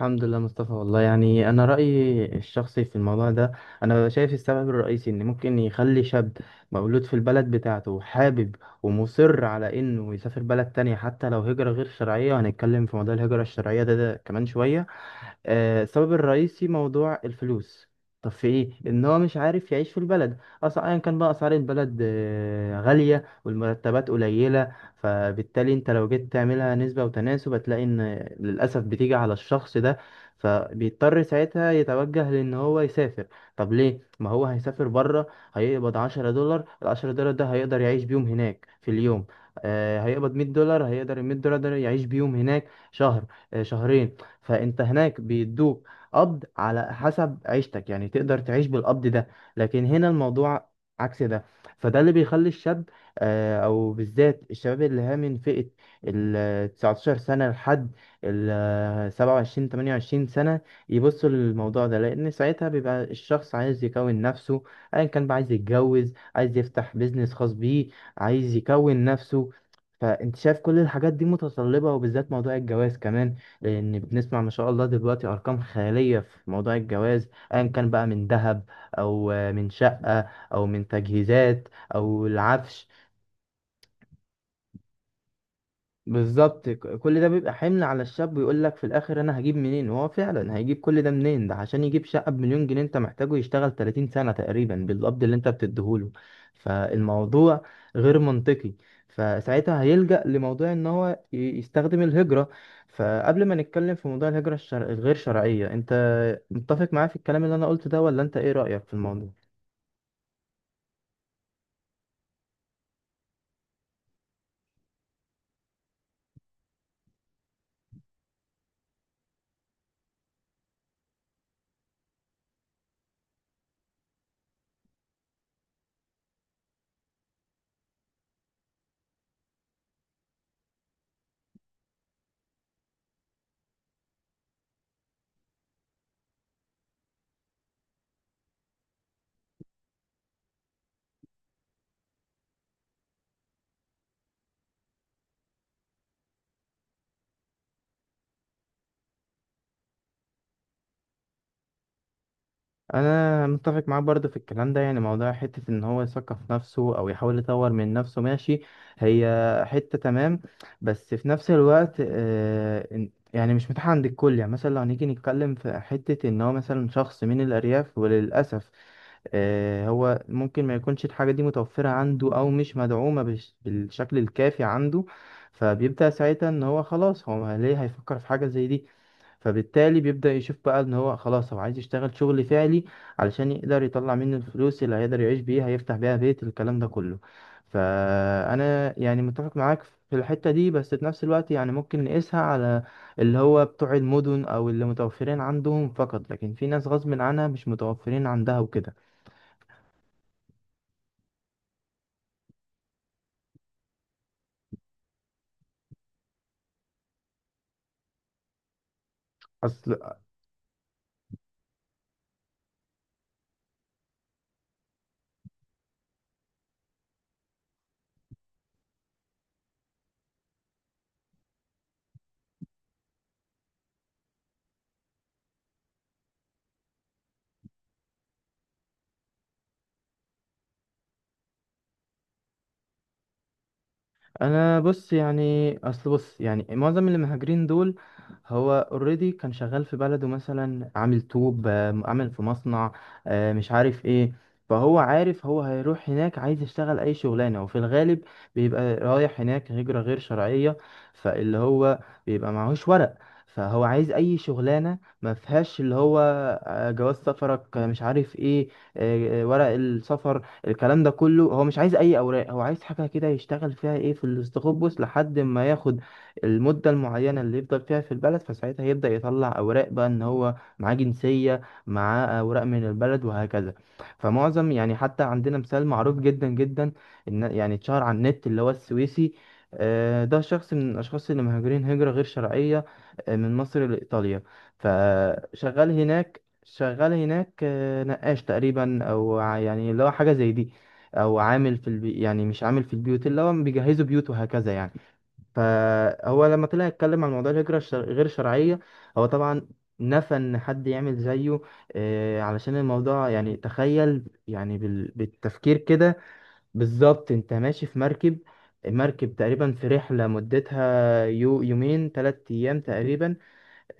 الحمد لله مصطفى، والله يعني انا رايي الشخصي في الموضوع ده. انا شايف السبب الرئيسي ان ممكن يخلي شاب مولود في البلد بتاعته وحابب ومصر على انه يسافر بلد تانية، حتى لو هجرة غير شرعية، وهنتكلم في موضوع الهجرة الشرعية ده كمان شوية. السبب الرئيسي موضوع الفلوس. طب في ايه؟ ان هو مش عارف يعيش في البلد اصلا، ايا كان بقى اسعار البلد غاليه والمرتبات قليله، فبالتالي انت لو جيت تعملها نسبه وتناسب هتلاقي ان للاسف بتيجي على الشخص ده، فبيضطر ساعتها يتوجه لان هو يسافر. طب ليه؟ ما هو هيسافر بره، هيقبض 10 دولار، العشرة دولار ده هيقدر يعيش بيهم هناك في اليوم. هيقبض 100 دولار، هيقدر ال 100 دولار ده يعيش بيهم هناك شهر، شهرين. فانت هناك بيدوك قبض على حسب عيشتك، يعني تقدر تعيش بالقبض ده. لكن هنا الموضوع عكس ده، فده اللي بيخلي الشاب، او بالذات الشباب اللي هي من فئة ال 19 سنة لحد ال 27 28 سنة يبصوا للموضوع ده، لأن ساعتها بيبقى الشخص عايز يكون نفسه، أيا كان بقى، عايز يتجوز، عايز يفتح بيزنس خاص بيه، عايز يكون نفسه. فأنت شايف كل الحاجات دي متطلبة، وبالذات موضوع الجواز كمان، لان بنسمع ما شاء الله دلوقتي ارقام خياليه في موضوع الجواز ايا كان بقى من ذهب او من شقه او من تجهيزات او العفش. بالظبط، كل ده بيبقى حمل على الشاب، ويقول لك في الاخر انا هجيب منين، وهو فعلا هيجيب كل ده منين؟ ده عشان يجيب شقة بمليون جنيه انت محتاجه يشتغل 30 سنة تقريبا بالقبض اللي انت بتديهوله. فالموضوع غير منطقي، فساعتها هيلجأ لموضوع ان هو يستخدم الهجرة. فقبل ما نتكلم في موضوع الغير شرعية، انت متفق معايا في الكلام اللي انا قلته ده؟ ولا انت ايه رأيك في الموضوع؟ انا متفق معاك برضه في الكلام ده، يعني موضوع حته ان هو يثقف نفسه او يحاول يطور من نفسه، ماشي، هي حته تمام. بس في نفس الوقت يعني مش متاحه عند الكل. يعني مثلا لو هنيجي نتكلم في حته ان هو مثلا شخص من الارياف، وللاسف هو ممكن ما يكونش الحاجه دي متوفره عنده او مش مدعومه بالشكل الكافي عنده. فبيبدأ ساعتها ان هو خلاص، هو ليه هيفكر في حاجه زي دي؟ فبالتالي بيبدأ يشوف بقى ان هو خلاص، هو عايز يشتغل شغل فعلي علشان يقدر يطلع منه الفلوس اللي هيقدر يعيش بيها، يفتح بيها بيت، الكلام ده كله. فانا يعني متفق معاك في الحتة دي، بس في نفس الوقت يعني ممكن نقيسها على اللي هو بتوع المدن او اللي متوفرين عندهم فقط، لكن في ناس غصب عنها مش متوفرين عندها وكده. اصل انا بص يعني معظم اللي مهاجرين دول هو اوريدي كان شغال في بلده، مثلا عامل طوب، عامل في مصنع، مش عارف ايه. فهو عارف هو هيروح هناك عايز يشتغل اي شغلانه، وفي الغالب بيبقى رايح هناك هجره غير شرعيه، فاللي هو بيبقى معهوش ورق. فهو عايز اي شغلانه ما فيهاش اللي هو جواز سفرك، مش عارف ايه، ورق السفر. الكلام ده كله هو مش عايز اي اوراق، هو عايز حاجه كده يشتغل فيها ايه في الاستخبص لحد ما ياخد المده المعينه اللي يفضل فيها في البلد، فساعتها يبدا يطلع اوراق بقى ان هو معاه جنسيه، معاه اوراق من البلد وهكذا. فمعظم يعني، حتى عندنا مثال معروف جدا جدا، ان يعني اتشهر على النت اللي هو السويسي، ده شخص من الاشخاص اللي مهاجرين هجره غير شرعيه من مصر لايطاليا. فشغال هناك، شغال هناك نقاش تقريبا، او يعني اللي هو حاجه زي دي، او عامل في يعني مش عامل في البيوت، اللي هو بيجهزوا بيوت وهكذا يعني. فهو لما طلع يتكلم عن موضوع غير شرعيه، هو طبعا نفى ان حد يعمل زيه، علشان الموضوع، يعني تخيل يعني بالتفكير كده. بالظبط، انت ماشي في مركب، مركب تقريبا في رحله مدتها يومين ثلاث ايام تقريبا،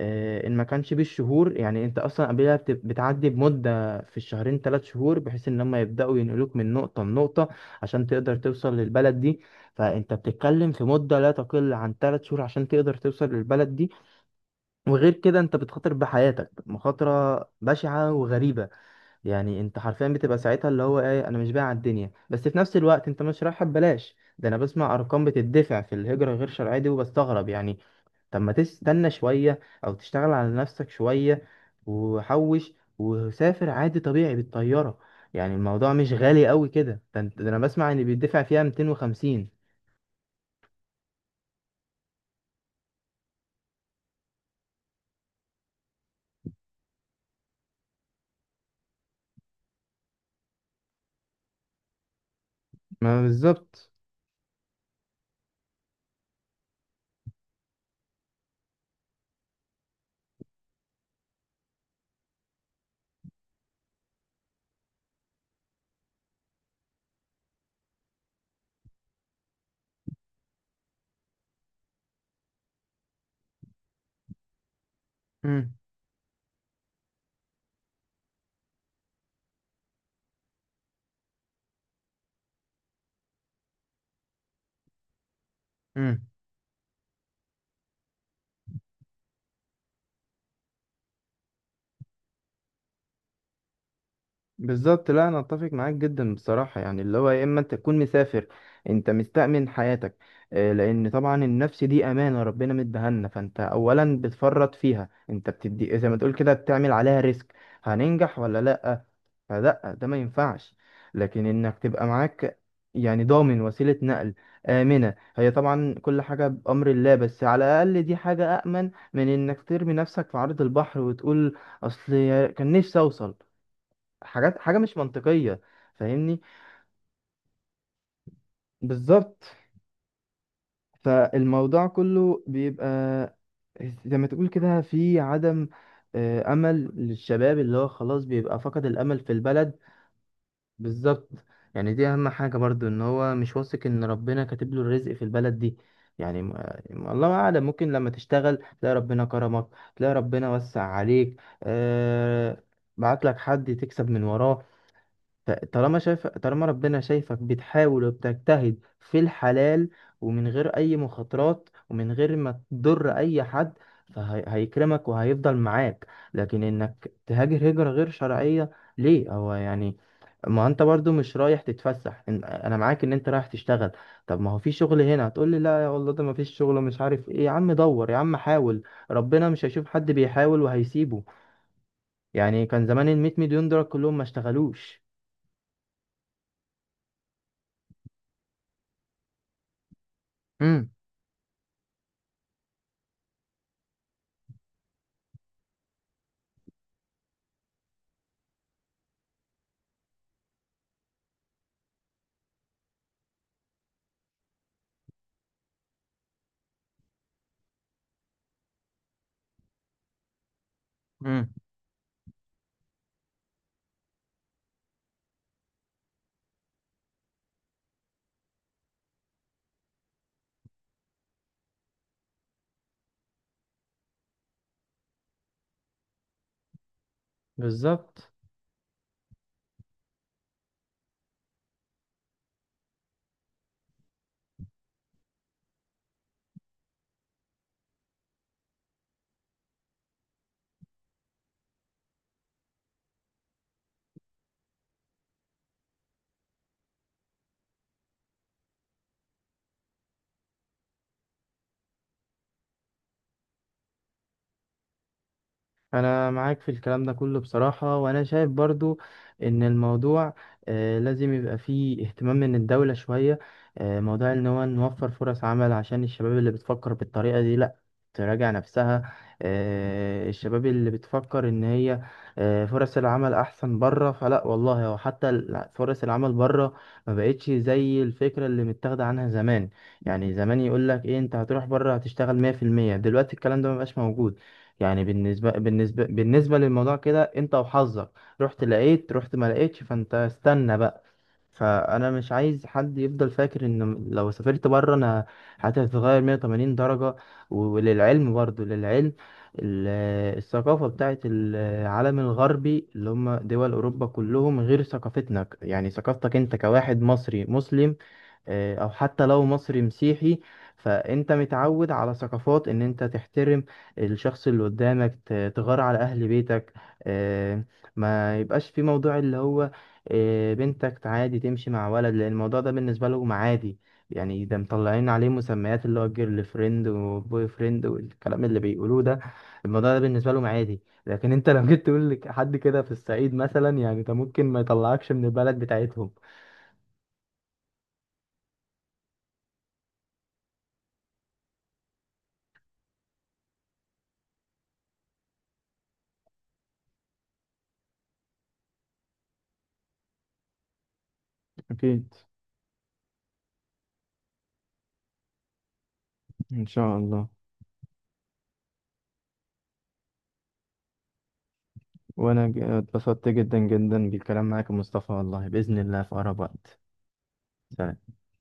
ان ما كانش بالشهور. يعني انت اصلا قبلها بتعدي بمده في الشهرين ثلاث شهور بحيث ان هم يبداوا ينقلوك من نقطه لنقطه عشان تقدر توصل للبلد دي. فانت بتتكلم في مده لا تقل عن ثلاث شهور عشان تقدر توصل للبلد دي، وغير كده انت بتخاطر بحياتك مخاطره بشعه وغريبه. يعني انت حرفيا بتبقى ساعتها اللي هو ايه، انا مش بايع على الدنيا، بس في نفس الوقت انت مش رايحها ببلاش، ده انا بسمع ارقام بتدفع في الهجره غير شرعيه دي وبستغرب يعني. طب ما تستنى شوية، أو تشتغل على نفسك شوية، وحوش وسافر عادي طبيعي بالطيارة. يعني الموضوع مش غالي قوي كده، ده ده أنا بسمع إن بيدفع فيها 250، ما بالظبط. امم امم بالظبط. لا، أنا أتفق معاك جدا بصراحة، يعني اللي هو يا إما أنت تكون مسافر أنت مستأمن حياتك، لأن طبعا النفس دي أمانة ربنا مديها لنا، فأنت أولا بتفرط فيها، أنت بتدي زي ما تقول كده، بتعمل عليها ريسك، هننجح ولا لأ؟ فلا، ده ما ينفعش. لكن انك تبقى معاك يعني ضامن وسيلة نقل آمنة، هي طبعا كل حاجة بأمر الله، بس على الأقل دي حاجة أأمن من إنك ترمي نفسك في عرض البحر وتقول أصل كان نفسي أوصل، حاجة مش منطقية، فاهمني؟ بالظبط، فالموضوع كله بيبقى زي ما تقول كده في عدم أمل للشباب اللي هو خلاص بيبقى فقد الأمل في البلد. بالظبط، يعني دي اهم حاجة برضو، ان هو مش واثق ان ربنا كاتب له الرزق في البلد دي. يعني الله اعلم، ممكن لما تشتغل تلاقي ربنا كرمك، تلاقي ربنا وسع عليك، بعت لك حد تكسب من وراه. طالما شايف، طالما ربنا شايفك بتحاول وبتجتهد في الحلال، ومن غير اي مخاطرات، ومن غير ما تضر اي حد، فهيكرمك وهيفضل معاك. لكن انك تهاجر هجرة غير شرعية، ليه هو يعني؟ ما انت برضو مش رايح تتفسح، انا معاك ان انت رايح تشتغل. طب ما هو في شغل هنا، هتقول لي لا يا والله ده ما فيش شغل مش عارف ايه. يا عم دور، يا عم حاول، ربنا مش هيشوف حد بيحاول وهيسيبه. يعني كان زمان ال 100 مليون دولار كلهم ما اشتغلوش. امم. بالظبط. انا معاك في الكلام ده كله بصراحة، وانا شايف برضو ان الموضوع لازم يبقى فيه اهتمام من الدولة شوية، موضوع ان هو نوفر فرص عمل عشان الشباب اللي بتفكر بالطريقة دي لا تراجع نفسها. الشباب اللي بتفكر ان هي فرص العمل احسن بره، فلا والله هو حتى فرص العمل بره ما بقتش زي الفكرة اللي متاخدة عنها زمان. يعني زمان يقول لك ايه؟ انت هتروح بره هتشتغل 100%، دلوقتي الكلام ده ما بقاش موجود. يعني بالنسبة للموضوع كده انت وحظك، رحت لقيت، رحت ما لقيتش، فانت استنى بقى. فانا مش عايز حد يفضل فاكر ان لو سافرت بره انا حياتي هتتغير 180 درجة. وللعلم برضو ال- الثقافة بتاعت العالم الغربي اللي هم دول أوروبا كلهم غير ثقافتنا، يعني ثقافتك أنت كواحد مصري مسلم، او حتى لو مصري مسيحي. فانت متعود على ثقافات ان انت تحترم الشخص اللي قدامك، تغار على اهل بيتك، آه، ما يبقاش في موضوع اللي هو بنتك عادي تمشي مع ولد، لان الموضوع ده بالنسبة لهم عادي. يعني ده مطلعين عليه مسميات اللي هو الجيرل فريند وبوي فريند والكلام اللي بيقولوه ده. الموضوع ده بالنسبة لهم عادي، لكن انت لو جيت تقول لحد كده في الصعيد مثلا، يعني ده ممكن ما يطلعكش من البلد بتاعتهم. أكيد. إن شاء الله. وانا اتبسطت جدا جدا بالكلام معاك يا مصطفى، والله بإذن الله في أقرب وقت. سلام.